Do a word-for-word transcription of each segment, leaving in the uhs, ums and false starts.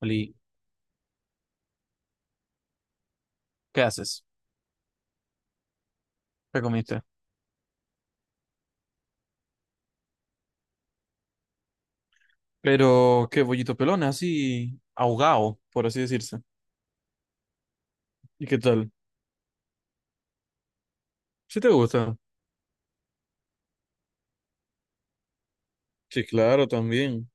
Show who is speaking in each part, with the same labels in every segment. Speaker 1: Oli, ¿qué haces? ¿Qué comiste? Pero qué bollito pelón, así ahogado, por así decirse. ¿Y qué tal? ¿Sí te gusta? Sí, claro, también.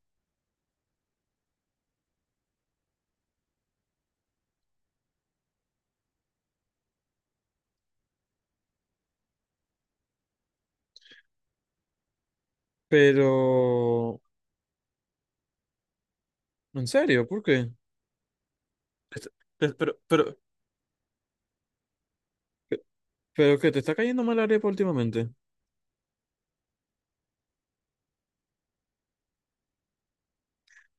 Speaker 1: Pero, ¿en serio? ¿Por qué? Este- te- Pero, pero, ¿Qué- ¿Pero qué? ¿Te está cayendo mal la arepa últimamente?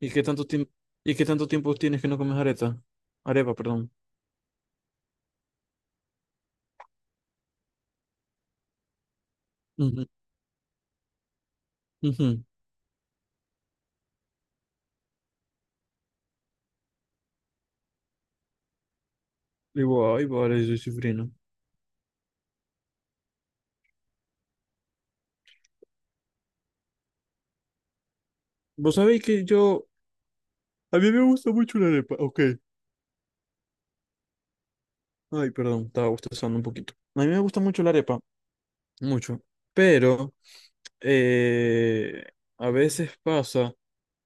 Speaker 1: ¿y qué tanto tiempo y qué tanto tiempo tienes que no comes areta? Arepa, perdón. Ujú, ujú. Digo, ay, vale, soy cifrino. Vos sabéis que yo... A mí me gusta mucho la arepa, ok. Ay, perdón, estaba bostezando un poquito. A mí me gusta mucho la arepa mucho. Pero eh, a veces pasa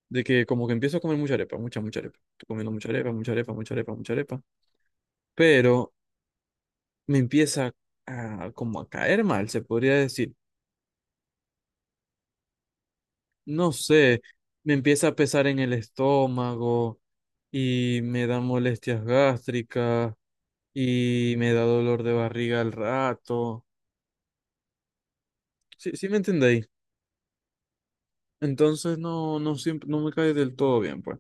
Speaker 1: de que como que empiezo a comer mucha arepa, mucha, mucha arepa. Estoy comiendo mucha arepa, mucha arepa, mucha arepa, mucha arepa. Pero me empieza a, como a caer mal, se podría decir. No sé, me empieza a pesar en el estómago y me dan molestias gástricas y me da dolor de barriga al rato. Sí, sí me entendéis. Entonces no, no siempre, no me cae del todo bien, pues.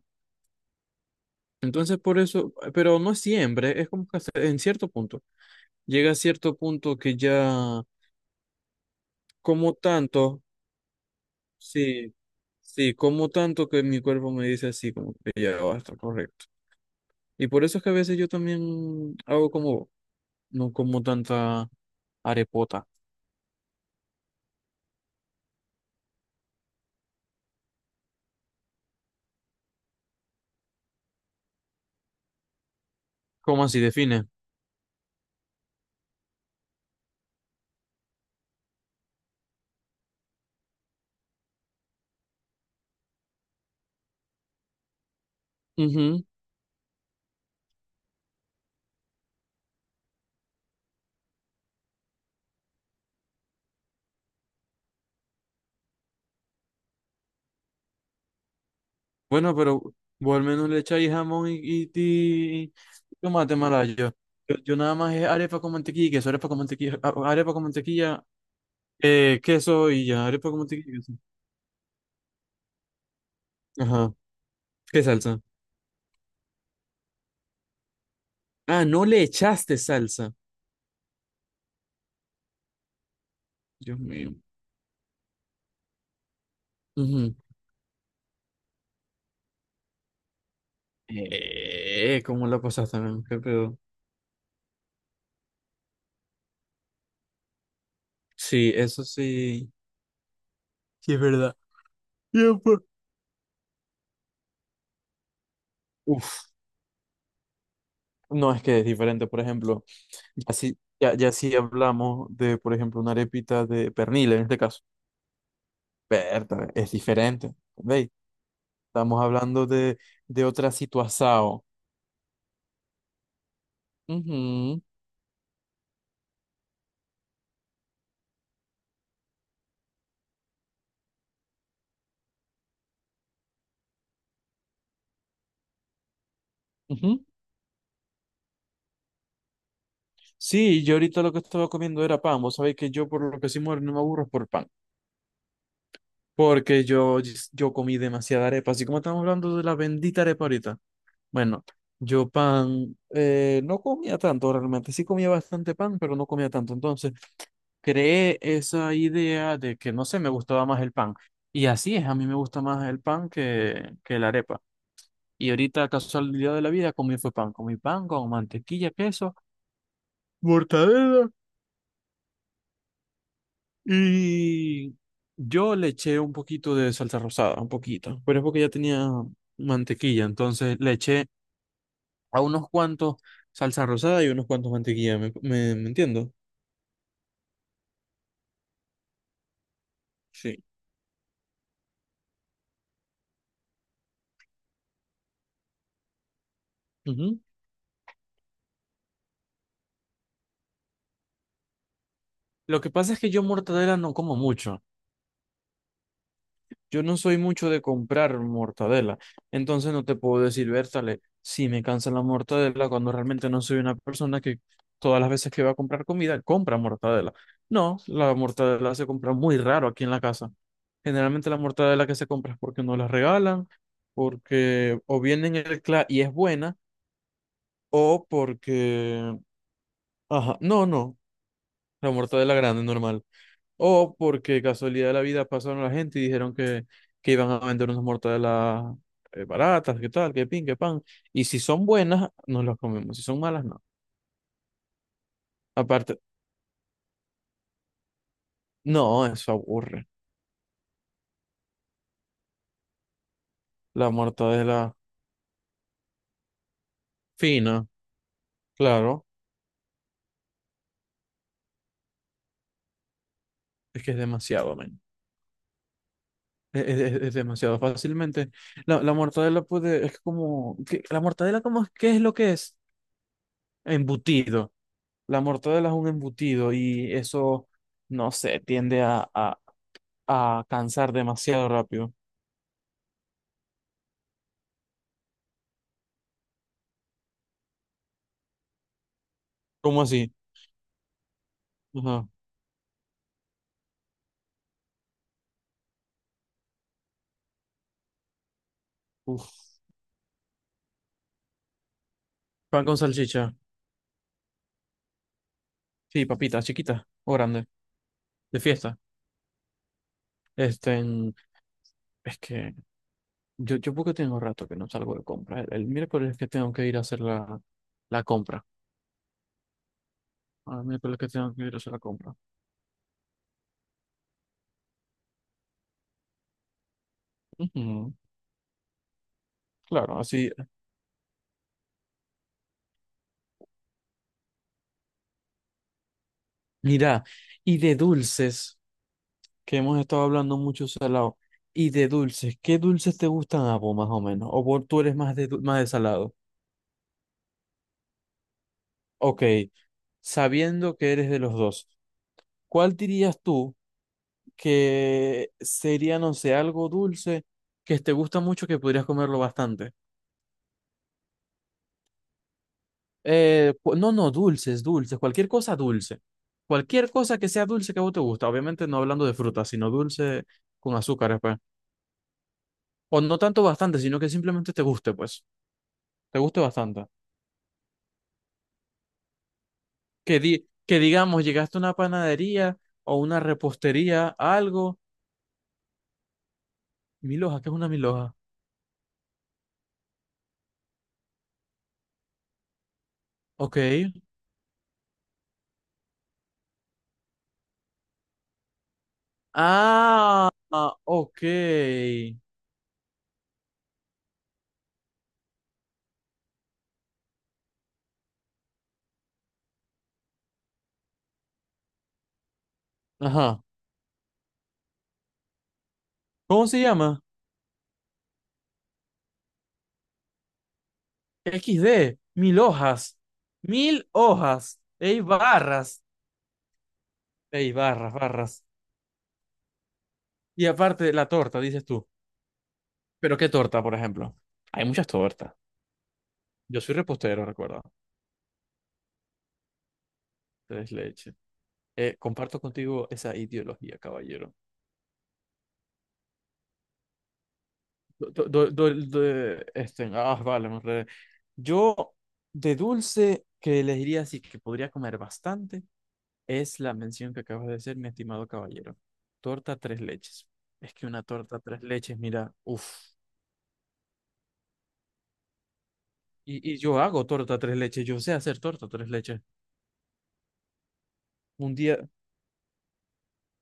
Speaker 1: Entonces, por eso, pero no siempre, es como que hasta en cierto punto. Llega a cierto punto que ya como tanto, sí, sí, como tanto que mi cuerpo me dice así, como que ya basta, correcto. Y por eso es que a veces yo también hago como, vos, no como tanta arepota. ¿Cómo así define? Ujú. Bueno, pero vos al menos le echáis jamón y, y, y- y tomate malayo. Yo, yo nada más es arepa con mantequilla, y queso, arepa con mantequilla, a- arepa con mantequilla, Eh, queso y ya, arepa como te digas. Ajá. ¿Qué salsa? Ah, no le echaste salsa. Dios mío. Ujú. Eh, ¿cómo la pasaste, man? ¿Qué pedo? Sí, eso sí. Sí, es verdad. Ya, pues. Uf, no, es que es diferente, por ejemplo. Ya sí, ya, ya si hablamos de, por ejemplo, una arepita de pernil en este caso. Berta, es diferente. ¿Veis? Estamos hablando de, de otra situación. Ujú, ujú. Sí, yo ahorita lo que estaba comiendo era pan. Vos sabéis que yo por lo que sí muero no me aburro es por pan. Porque yo, yo comí demasiada arepa. Así como estamos hablando de la bendita arepa ahorita. Bueno, yo pan eh, no comía tanto realmente. Sí comía bastante pan, pero no comía tanto. Entonces creé esa idea de que, no sé, me gustaba más el pan. Y así es, a mí me gusta más el pan que, que la arepa. Y ahorita, casualidad de la vida, comí fue pan. Comí pan con mantequilla, queso, mortadela. Y yo le eché un poquito de salsa rosada, un poquito, pero es porque ya tenía mantequilla, entonces le eché a unos cuantos salsa rosada y unos cuantos mantequilla, ¿me, me, me entiendo? Sí. Ujú. Lo que pasa es que yo mortadela no como mucho. Yo no soy mucho de comprar mortadela, entonces no te puedo decir, Bertale, si me cansa la mortadela cuando realmente no soy una persona que todas las veces que va a comprar comida compra mortadela. No, la mortadela se compra muy raro aquí en la casa. Generalmente la mortadela que se compra es porque no la regalan, porque o viene en el C L A y es buena, o porque... Ajá, no, no, la mortadela grande normal. O porque casualidad de la vida pasaron la gente y dijeron que, que iban a vender unas mortadelas eh, baratas, que tal, que pin, que pan. Y si son buenas, nos las comemos. Si son malas, no. Aparte, no, eso aburre. La mortadela fina, claro, es que es demasiado, men. Es, es- es demasiado fácilmente. La, la mortadela puede, es como, que, la mortadela como, es- ¿qué es lo que es? Embutido. La mortadela es un embutido y eso, no sé, tiende a, a a cansar demasiado rápido. ¿Cómo así? Ajá. Uf. Pan con salchicha. Sí, papita, chiquita o grande, de fiesta. Este, en- es que yo, yo porque tengo rato que no salgo de compra. El, el miércoles que tengo que ir a hacer la, la compra. Ah, el miércoles que tengo que ir a hacer la compra. Ujú, claro, así. Mira, y de dulces, que hemos estado hablando mucho salado. Y de dulces, ¿qué dulces te gustan a vos más o menos? ¿O vos tú eres más de, du- más de salado? Ok, sabiendo que eres de los dos, ¿cuál dirías tú que sería, no sé, algo dulce que te gusta mucho que podrías comerlo bastante? Eh, cu- no, no, dulces, dulces, cualquier cosa dulce. Cualquier cosa que sea dulce que a vos te gusta. Obviamente no hablando de frutas, sino dulce con azúcares, pues. O no tanto bastante, sino que simplemente te guste, pues. Te guste bastante. Que di- que digamos, llegaste a una panadería o una repostería, algo. Milhoja, ¿qué es una milhoja? Ok. Ah, ah, ok. Ajá. ¿Cómo se llama? equis de. Mil hojas. Mil hojas. Ey, barras. Ey, barras, barras. Y aparte, la torta, dices tú. ¿Pero qué torta, por ejemplo? Hay muchas tortas. Yo soy repostero, recuerda. Tres leche. Eh, comparto contigo esa ideología, caballero. Do- do- do- do- do- este, ah, vale, me enredé. Yo, de dulce, que elegiría así que podría comer bastante. Es la mención que acabas de hacer, mi estimado caballero. Torta tres leches. Es que una torta tres leches, mira, uff. Y, y yo hago torta tres leches, yo sé hacer torta tres leches. Un día,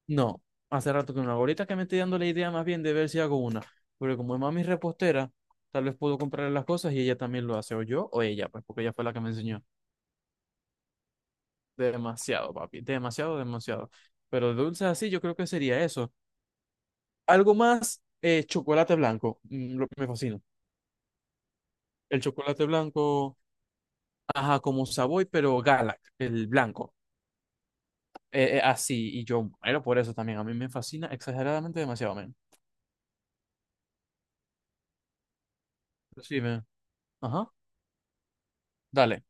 Speaker 1: no, hace rato que no hago. Ahorita que me estoy dando la idea más bien de ver si hago una. Pero como mami es repostera, tal vez puedo comprarle las cosas y ella también lo hace, o yo o ella, pues porque ella fue la que me enseñó. Demasiado, papi, demasiado, demasiado. Pero de dulces así, yo creo que sería eso. Algo más, eh, chocolate blanco. Mm, lo- que me fascina. El chocolate blanco. Ajá, como Savoy, pero Galak, el blanco. Eh, eh, así, y yo muero por eso también. A mí me fascina exageradamente demasiado, men. Pero sí, men. Ajá. Dale.